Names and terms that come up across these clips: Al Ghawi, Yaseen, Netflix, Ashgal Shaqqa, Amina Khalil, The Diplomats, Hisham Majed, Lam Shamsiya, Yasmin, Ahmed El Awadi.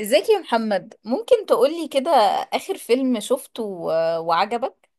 ازيك يا محمد؟ ممكن تقولي كده آخر فيلم شفته وعجبك؟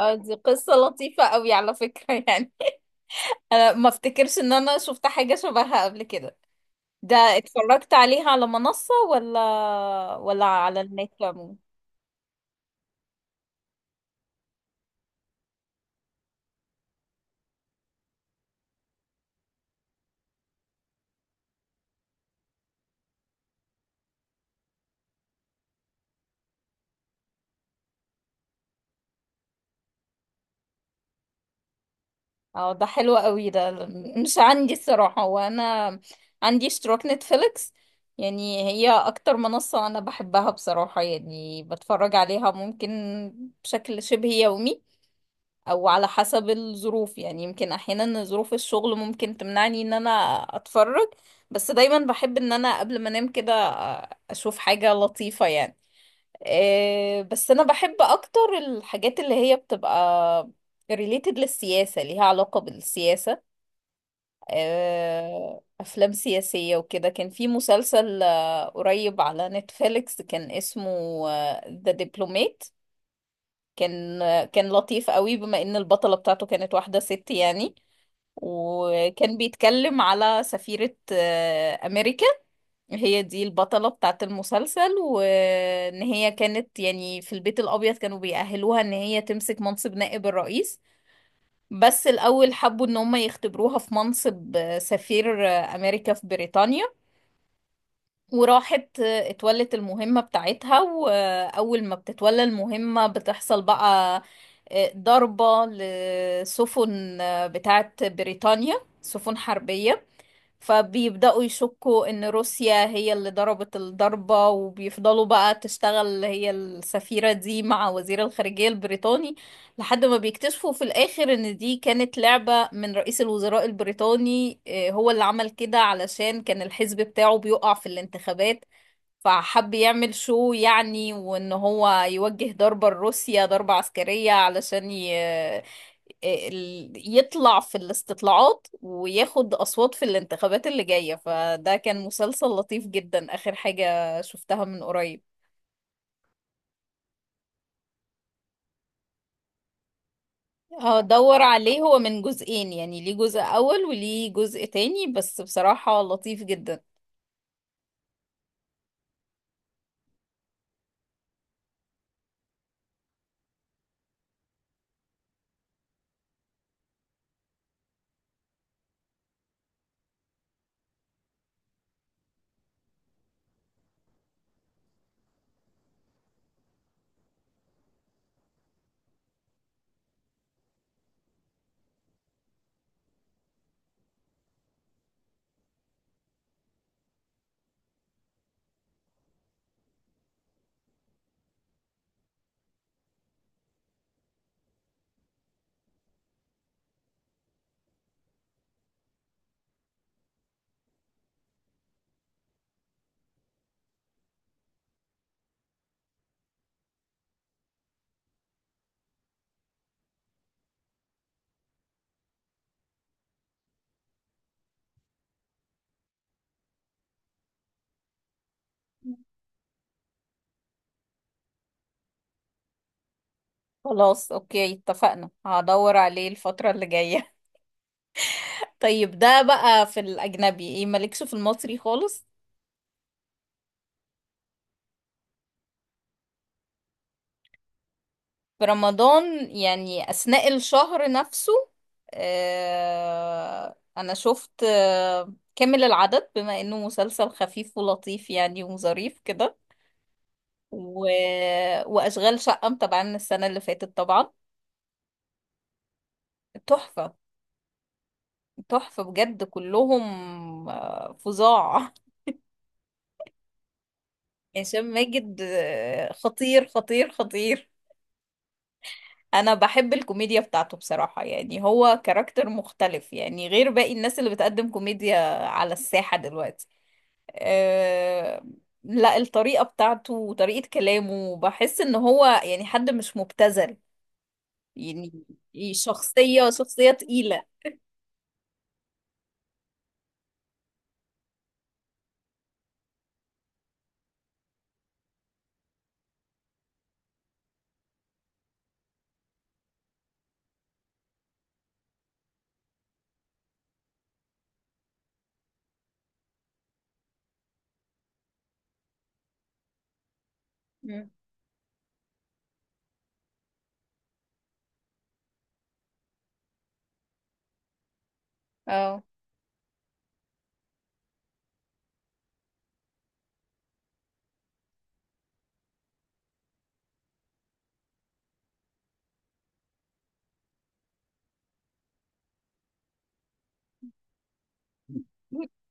دي قصة لطيفة قوي على فكرة يعني انا ما افتكرش ان انا شفت حاجة شبهها قبل كده. ده اتفرجت عليها على منصة ولا ولا على النت عموما؟ اه، ده حلو قوي ده. مش عندي الصراحة، وانا عندي اشتراك نتفليكس. يعني هي اكتر منصة انا بحبها بصراحة، يعني بتفرج عليها ممكن بشكل شبه يومي، او على حسب الظروف. يعني يمكن احيانا ظروف الشغل ممكن تمنعني ان انا اتفرج، بس دايما بحب ان انا قبل ما انام كده اشوف حاجة لطيفة يعني. بس انا بحب اكتر الحاجات اللي هي بتبقى related للسياسة، ليها علاقة بالسياسة. افلام سياسية وكده. كان في مسلسل قريب على نتفليكس، كان اسمه ذا دبلومات. كان كان لطيف قوي، بما ان البطلة بتاعته كانت واحدة ست يعني. وكان بيتكلم على سفيرة أمريكا. هي دي البطلة بتاعت المسلسل، وإن هي كانت يعني في البيت الأبيض كانوا بيأهلوها إن هي تمسك منصب نائب الرئيس. بس الأول حبوا إن هم يختبروها في منصب سفير أمريكا في بريطانيا. وراحت اتولت المهمة بتاعتها، وأول ما بتتولى المهمة بتحصل بقى ضربة لسفن بتاعت بريطانيا، سفن حربية. فبيبدأوا يشكوا إن روسيا هي اللي ضربت الضربة، وبيفضلوا بقى تشتغل هي السفيرة دي مع وزير الخارجية البريطاني. لحد ما بيكتشفوا في الآخر إن دي كانت لعبة من رئيس الوزراء البريطاني، هو اللي عمل كده علشان كان الحزب بتاعه بيقع في الانتخابات. فحب يعمل شو يعني، وان هو يوجه ضربة لروسيا، ضربة عسكرية، علشان يطلع في الاستطلاعات وياخد أصوات في الانتخابات اللي جاية. فده كان مسلسل لطيف جدا، آخر حاجة شفتها من قريب. هدور عليه، هو من جزئين يعني، ليه جزء أول وليه جزء تاني، بس بصراحة لطيف جدا. خلاص أوكي، اتفقنا، هدور عليه الفترة اللي جاية. طيب ده بقى في الأجنبي، ايه مالكش في المصري خالص؟ في رمضان يعني أثناء الشهر نفسه؟ آه، أنا شفت آه كامل العدد بما إنه مسلسل خفيف ولطيف يعني وظريف كده و... وأشغال شقة متابعين السنة اللي فاتت طبعا. تحفة، تحفة بجد كلهم، فظاع. هشام ماجد خطير خطير خطير. انا بحب الكوميديا بتاعته بصراحة، يعني هو كاركتر مختلف يعني غير باقي الناس اللي بتقدم كوميديا على الساحة دلوقتي. أه... لا، الطريقة بتاعته وطريقة كلامه بحس ان هو يعني حد مش مبتذل يعني. شخصية، شخصية تقيلة. مم. اه.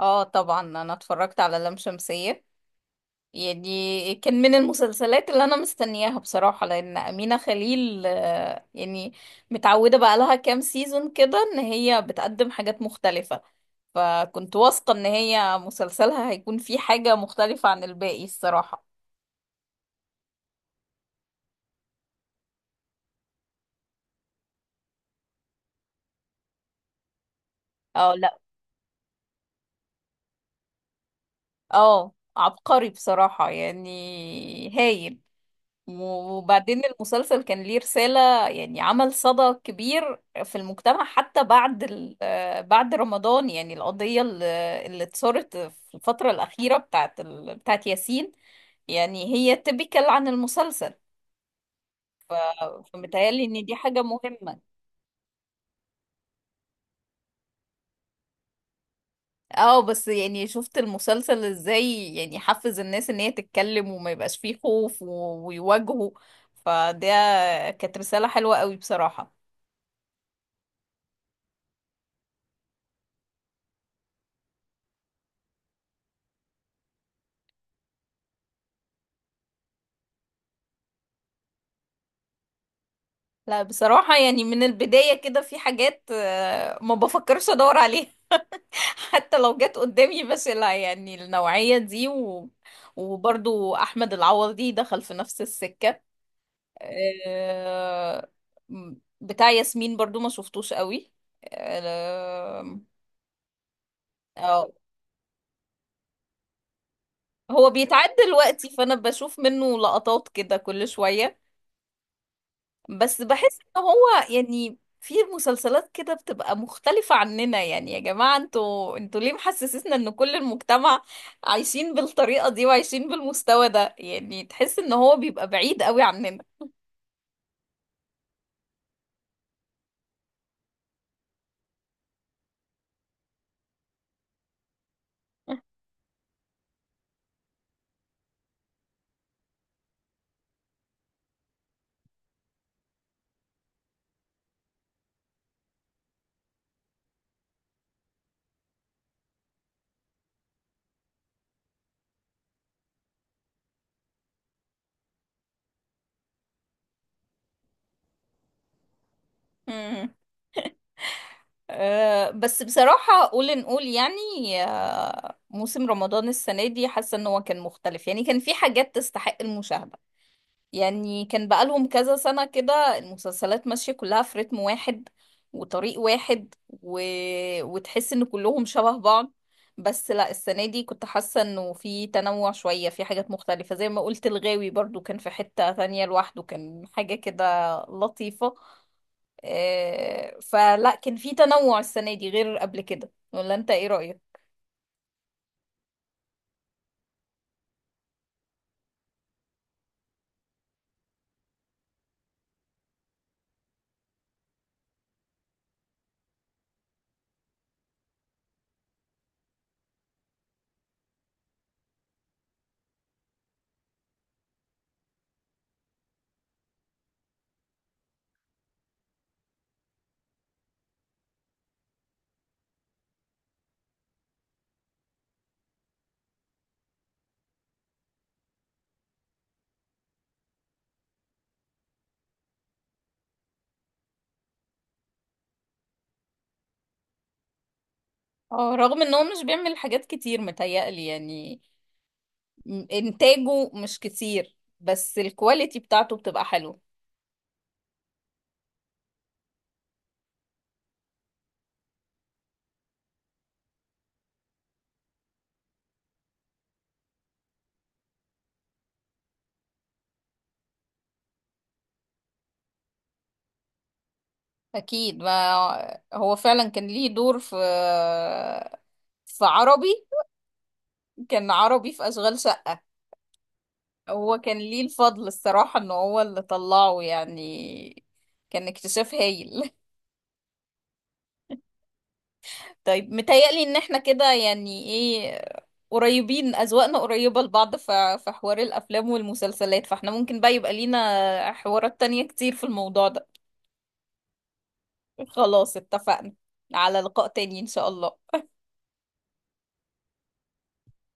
اه طبعا، انا اتفرجت على لام شمسية. يعني كان من المسلسلات اللي انا مستنياها بصراحة، لان امينة خليل يعني متعودة بقى لها كام سيزون كده ان هي بتقدم حاجات مختلفة، فكنت واثقة ان هي مسلسلها هيكون فيه حاجة مختلفة عن الباقي الصراحة. اه، لا، اه عبقري بصراحة يعني، هايل. وبعدين المسلسل كان ليه رسالة، يعني عمل صدى كبير في المجتمع حتى بعد بعد رمضان، يعني القضية اللي اتثارت في الفترة الأخيرة بتاعت بتاعت ياسين، يعني هي تبكل عن المسلسل. فمتهيألي ان دي حاجة مهمة. اه، بس يعني شفت المسلسل ازاي يعني حفز الناس ان هي تتكلم وما يبقاش فيه خوف ويواجهوا. فده كانت رسالة حلوة قوي بصراحة. لا بصراحة يعني، من البداية كده في حاجات ما بفكرش ادور عليها. حتى لو جت قدامي، بس لا يعني النوعية دي وبرضو احمد العوضي دخل في نفس السكة، آه، بتاع ياسمين، برضو ما شفتوش قوي. آه، آه، هو بيتعد دلوقتي فانا بشوف منه لقطات كده كل شوية. بس بحس ان هو يعني في مسلسلات كده بتبقى مختلفة عننا. يعني يا جماعة، انتوا ليه محسسسنا ان كل المجتمع عايشين بالطريقة دي وعايشين بالمستوى ده؟ يعني تحس ان هو بيبقى بعيد قوي عننا. مم. أه، بس بصراحة قول نقول يعني، موسم رمضان السنة دي حاسة ان هو كان مختلف، يعني كان في حاجات تستحق المشاهدة. يعني كان بقالهم كذا سنة كده المسلسلات ماشية كلها في رتم واحد وطريق واحد و... وتحس ان كلهم شبه بعض. بس لا، السنة دي كنت حاسة انه في تنوع شوية، في حاجات مختلفة، زي ما قلت الغاوي برضو كان في حتة ثانية لوحده، كان حاجة كده لطيفة. فلا كان في تنوع السنة دي غير قبل كده، ولا انت ايه رأيك؟ اه رغم ان هو مش بيعمل حاجات كتير متهيألي يعني، انتاجه مش كتير بس الكواليتي بتاعته بتبقى حلوه. اكيد، ما هو فعلا كان ليه دور في في عربي، كان عربي في اشغال شقة. هو كان ليه الفضل الصراحة ان هو اللي طلعه يعني، كان اكتشاف هايل. طيب، متهيألي ان احنا كده يعني ايه، قريبين، اذواقنا قريبة لبعض في في حوار الافلام والمسلسلات، فاحنا ممكن بقى يبقى لينا حوارات تانية كتير في الموضوع ده. خلاص اتفقنا، على لقاء تاني إن شاء الله.